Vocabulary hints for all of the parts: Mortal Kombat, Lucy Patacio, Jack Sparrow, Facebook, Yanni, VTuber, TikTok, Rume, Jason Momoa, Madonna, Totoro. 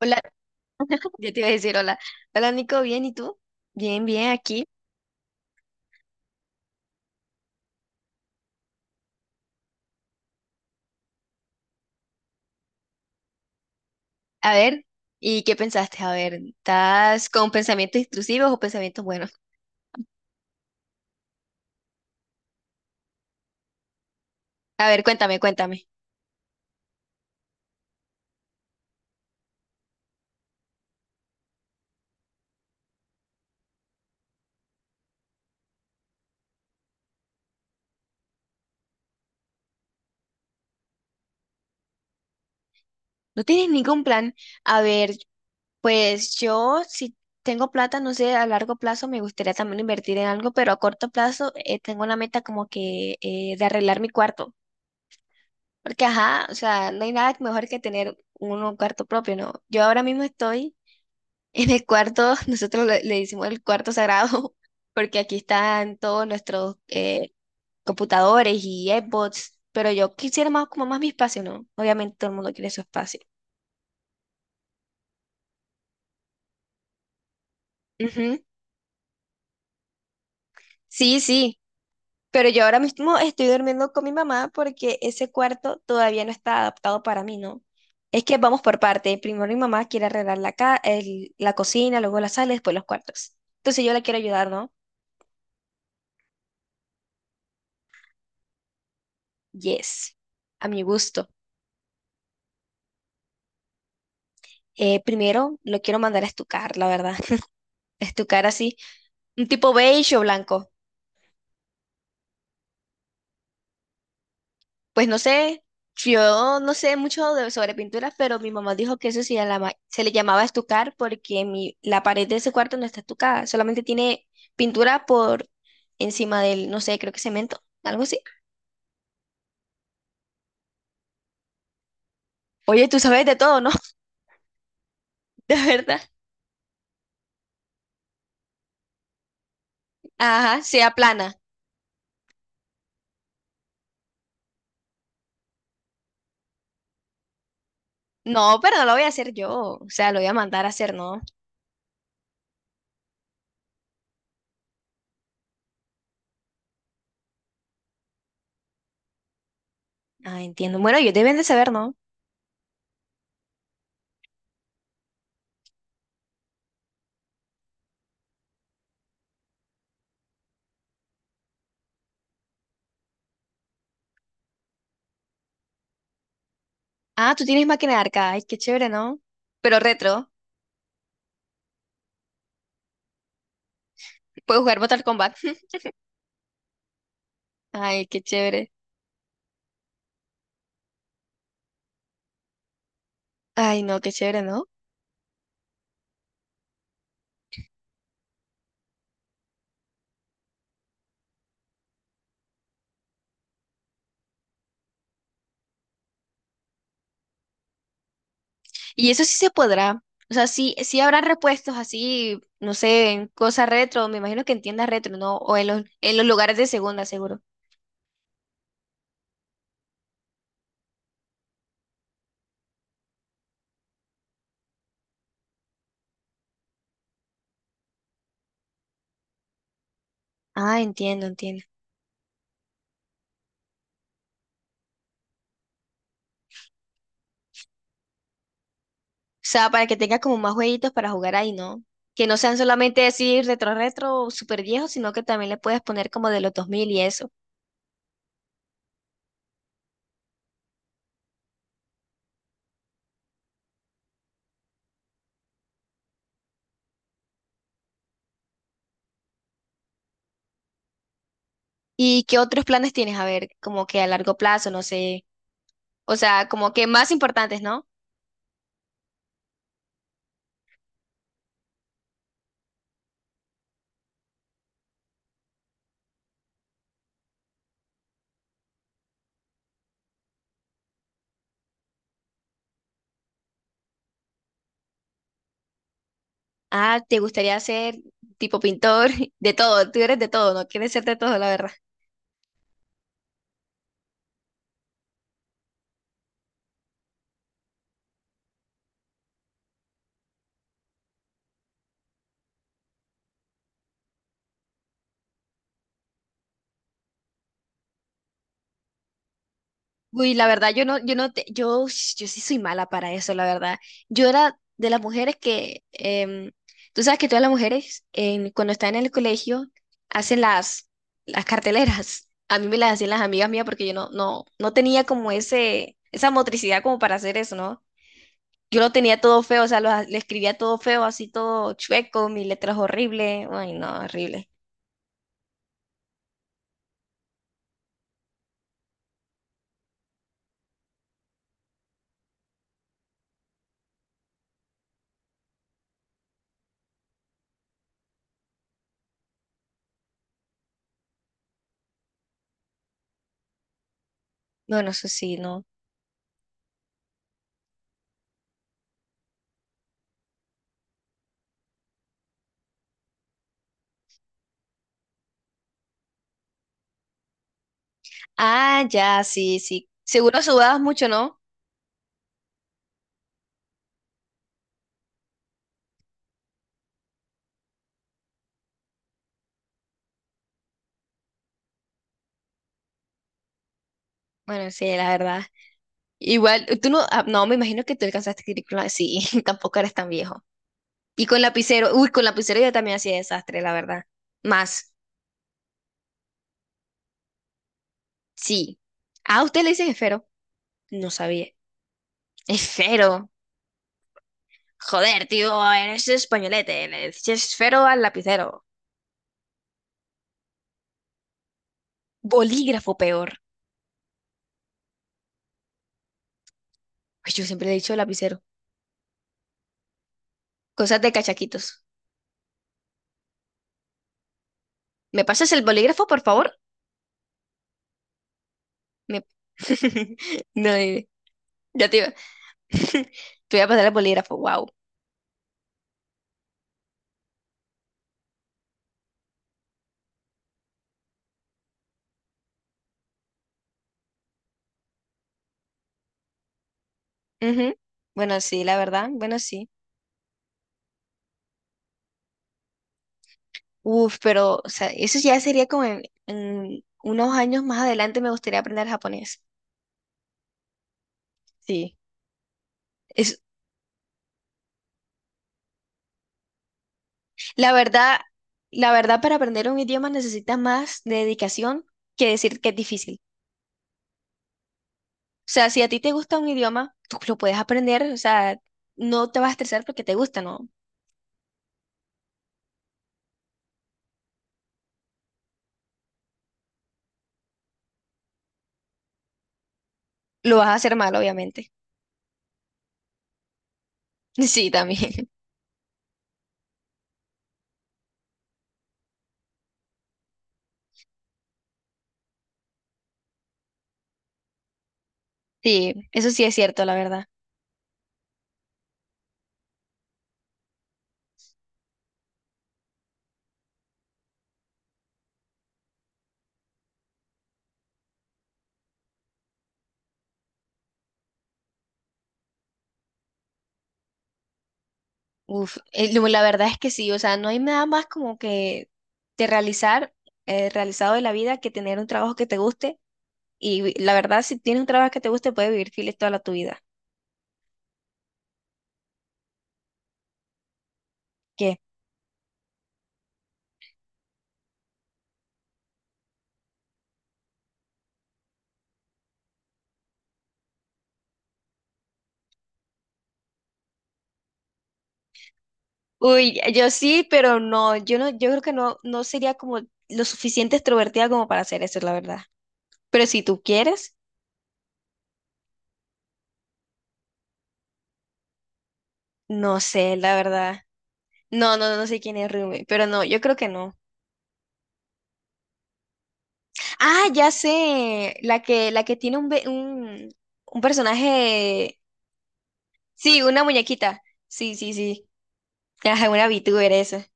Hola, ya te iba a decir hola. Hola Nico, bien, ¿y tú? Bien, bien, aquí. A ver, ¿y qué pensaste? A ver, ¿estás con pensamientos intrusivos o pensamientos buenos? A ver, cuéntame, cuéntame. ¿No tienes ningún plan? A ver, pues yo si tengo plata, no sé, a largo plazo me gustaría también invertir en algo, pero a corto plazo tengo la meta como que de arreglar mi cuarto. Porque, ajá, o sea, no hay nada mejor que tener uno un cuarto propio, ¿no? Yo ahora mismo estoy en el cuarto, nosotros le decimos el cuarto sagrado, porque aquí están todos nuestros computadores y Xbox, pero yo quisiera más como más mi espacio, ¿no? Obviamente todo el mundo quiere su espacio. Ujú. Sí, sí, pero yo ahora mismo estoy durmiendo con mi mamá porque ese cuarto todavía no está adaptado para mí, ¿no? Es que vamos por parte. Primero mi mamá quiere arreglar la cocina, luego la sala, y después los cuartos. Entonces yo la quiero ayudar, ¿no? Yes, a mi gusto. Primero lo quiero mandar a estucar, la verdad. Estucar así, un tipo beige o blanco. Pues no sé, yo no sé sobre pinturas, pero mi mamá dijo que eso se le llamaba estucar porque la pared de ese cuarto no está estucada, solamente tiene pintura por encima del, no sé, creo que cemento, algo así. Oye, tú sabes de todo, ¿no? De verdad. Ajá, sea plana. No, pero no lo voy a hacer yo, o sea, lo voy a mandar a hacer, ¿no? Ah, entiendo. Bueno, ellos deben de saber, ¿no? Ah, tú tienes máquina de arcade. Ay, qué chévere, ¿no? Pero retro. Puedes jugar Mortal Kombat. Ay, qué chévere. Ay, no, qué chévere, ¿no? Y eso sí se podrá. O sea, sí, sí habrá repuestos así, no sé, en cosas retro. Me imagino que en tiendas retro, ¿no? O en los lugares de segunda, seguro. Ah, entiendo, entiendo. O sea, para que tengas como más jueguitos para jugar ahí, ¿no? Que no sean solamente decir retro, retro, súper viejos, sino que también le puedes poner como de los 2000 y eso. ¿Y qué otros planes tienes? A ver, como que a largo plazo, no sé. O sea, como que más importantes, ¿no? Ah, te gustaría ser tipo pintor, de todo, tú eres de todo, ¿no? Quieres ser de todo, la verdad. Uy, la verdad, yo no te, yo sí soy mala para eso, la verdad. Yo era de las mujeres que, tú sabes que todas las mujeres, cuando están en el colegio, hacen las carteleras. A mí me las hacían las amigas mías porque yo no, no, no tenía como esa motricidad como para hacer eso, ¿no? Yo lo tenía todo feo, o sea, le escribía todo feo, así todo chueco, mis letras horribles, ay, no, horrible. Bueno, eso sí, no. Ah, ya, sí, sí. Seguro sudabas mucho, ¿no? Bueno, sí, la verdad. Igual, tú no, ah, no, me imagino que tú alcanzaste a escribir con sí, tampoco eres tan viejo. Y con lapicero, uy, con lapicero yo también hacía desastre, la verdad. Más, sí. Ah, ¿usted le dicen esfero? No sabía. Esfero. Joder, tío, eres españolete, le dices esfero al lapicero. Bolígrafo peor. Ay, yo siempre le he dicho lapicero. Cosas de cachaquitos. ¿Me pasas el bolígrafo, por favor? Me- No, dime. Ya te iba. Te voy a pasar el bolígrafo, wow. Ujú. Bueno, sí, la verdad, bueno, sí. Uf, pero o sea, eso ya sería como en unos años más adelante me gustaría aprender japonés. Sí. Es, la verdad, la verdad, para aprender un idioma necesitas más dedicación que decir que es difícil. O sea, si a ti te gusta un idioma, tú lo puedes aprender, o sea, no te vas a estresar porque te gusta, ¿no? Lo vas a hacer mal, obviamente. Sí, también. Sí, eso sí es cierto, la verdad. Uf, la verdad es que sí, o sea, no hay nada más como que de realizar, realizado de la vida que tener un trabajo que te guste. Y la verdad, si tienes un trabajo que te guste, puedes vivir feliz toda la tu vida. ¿Qué? Uy, yo sí, pero no, yo creo que no, no sería como lo suficiente extrovertida como para hacer eso, la verdad. Pero si tú quieres. No sé, la verdad. No, no, no sé quién es Rume, pero no, yo creo que no. Ah, ya sé, la que tiene un personaje, sí, una muñequita. Sí, sí, sí. Ajá, una VTuber esa.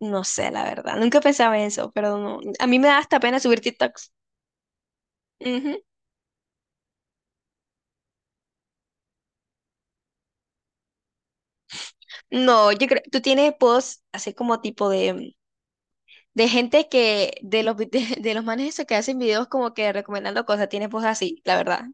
No sé, la verdad. Nunca pensaba en eso, pero no. A mí me da hasta pena subir TikToks. Ujú. No, yo creo, tú tienes posts así como tipo de gente que, de los manes esos que hacen videos como que recomendando cosas, tienes posts así, la verdad.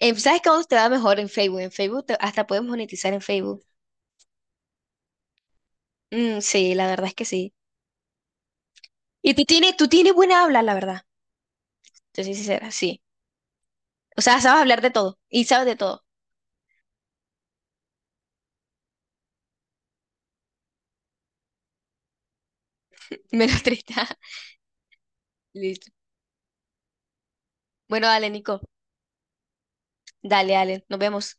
¿Sabes cómo te va mejor en Facebook? En hasta puedes monetizar en Facebook. Mm, sí, la verdad es que sí. Y tú tienes buena habla, la verdad. Te soy sincera, sí. O sea, sabes hablar de todo y sabes de todo. Menos triste. Listo. Bueno, dale, Nico. Dale, dale. Nos vemos.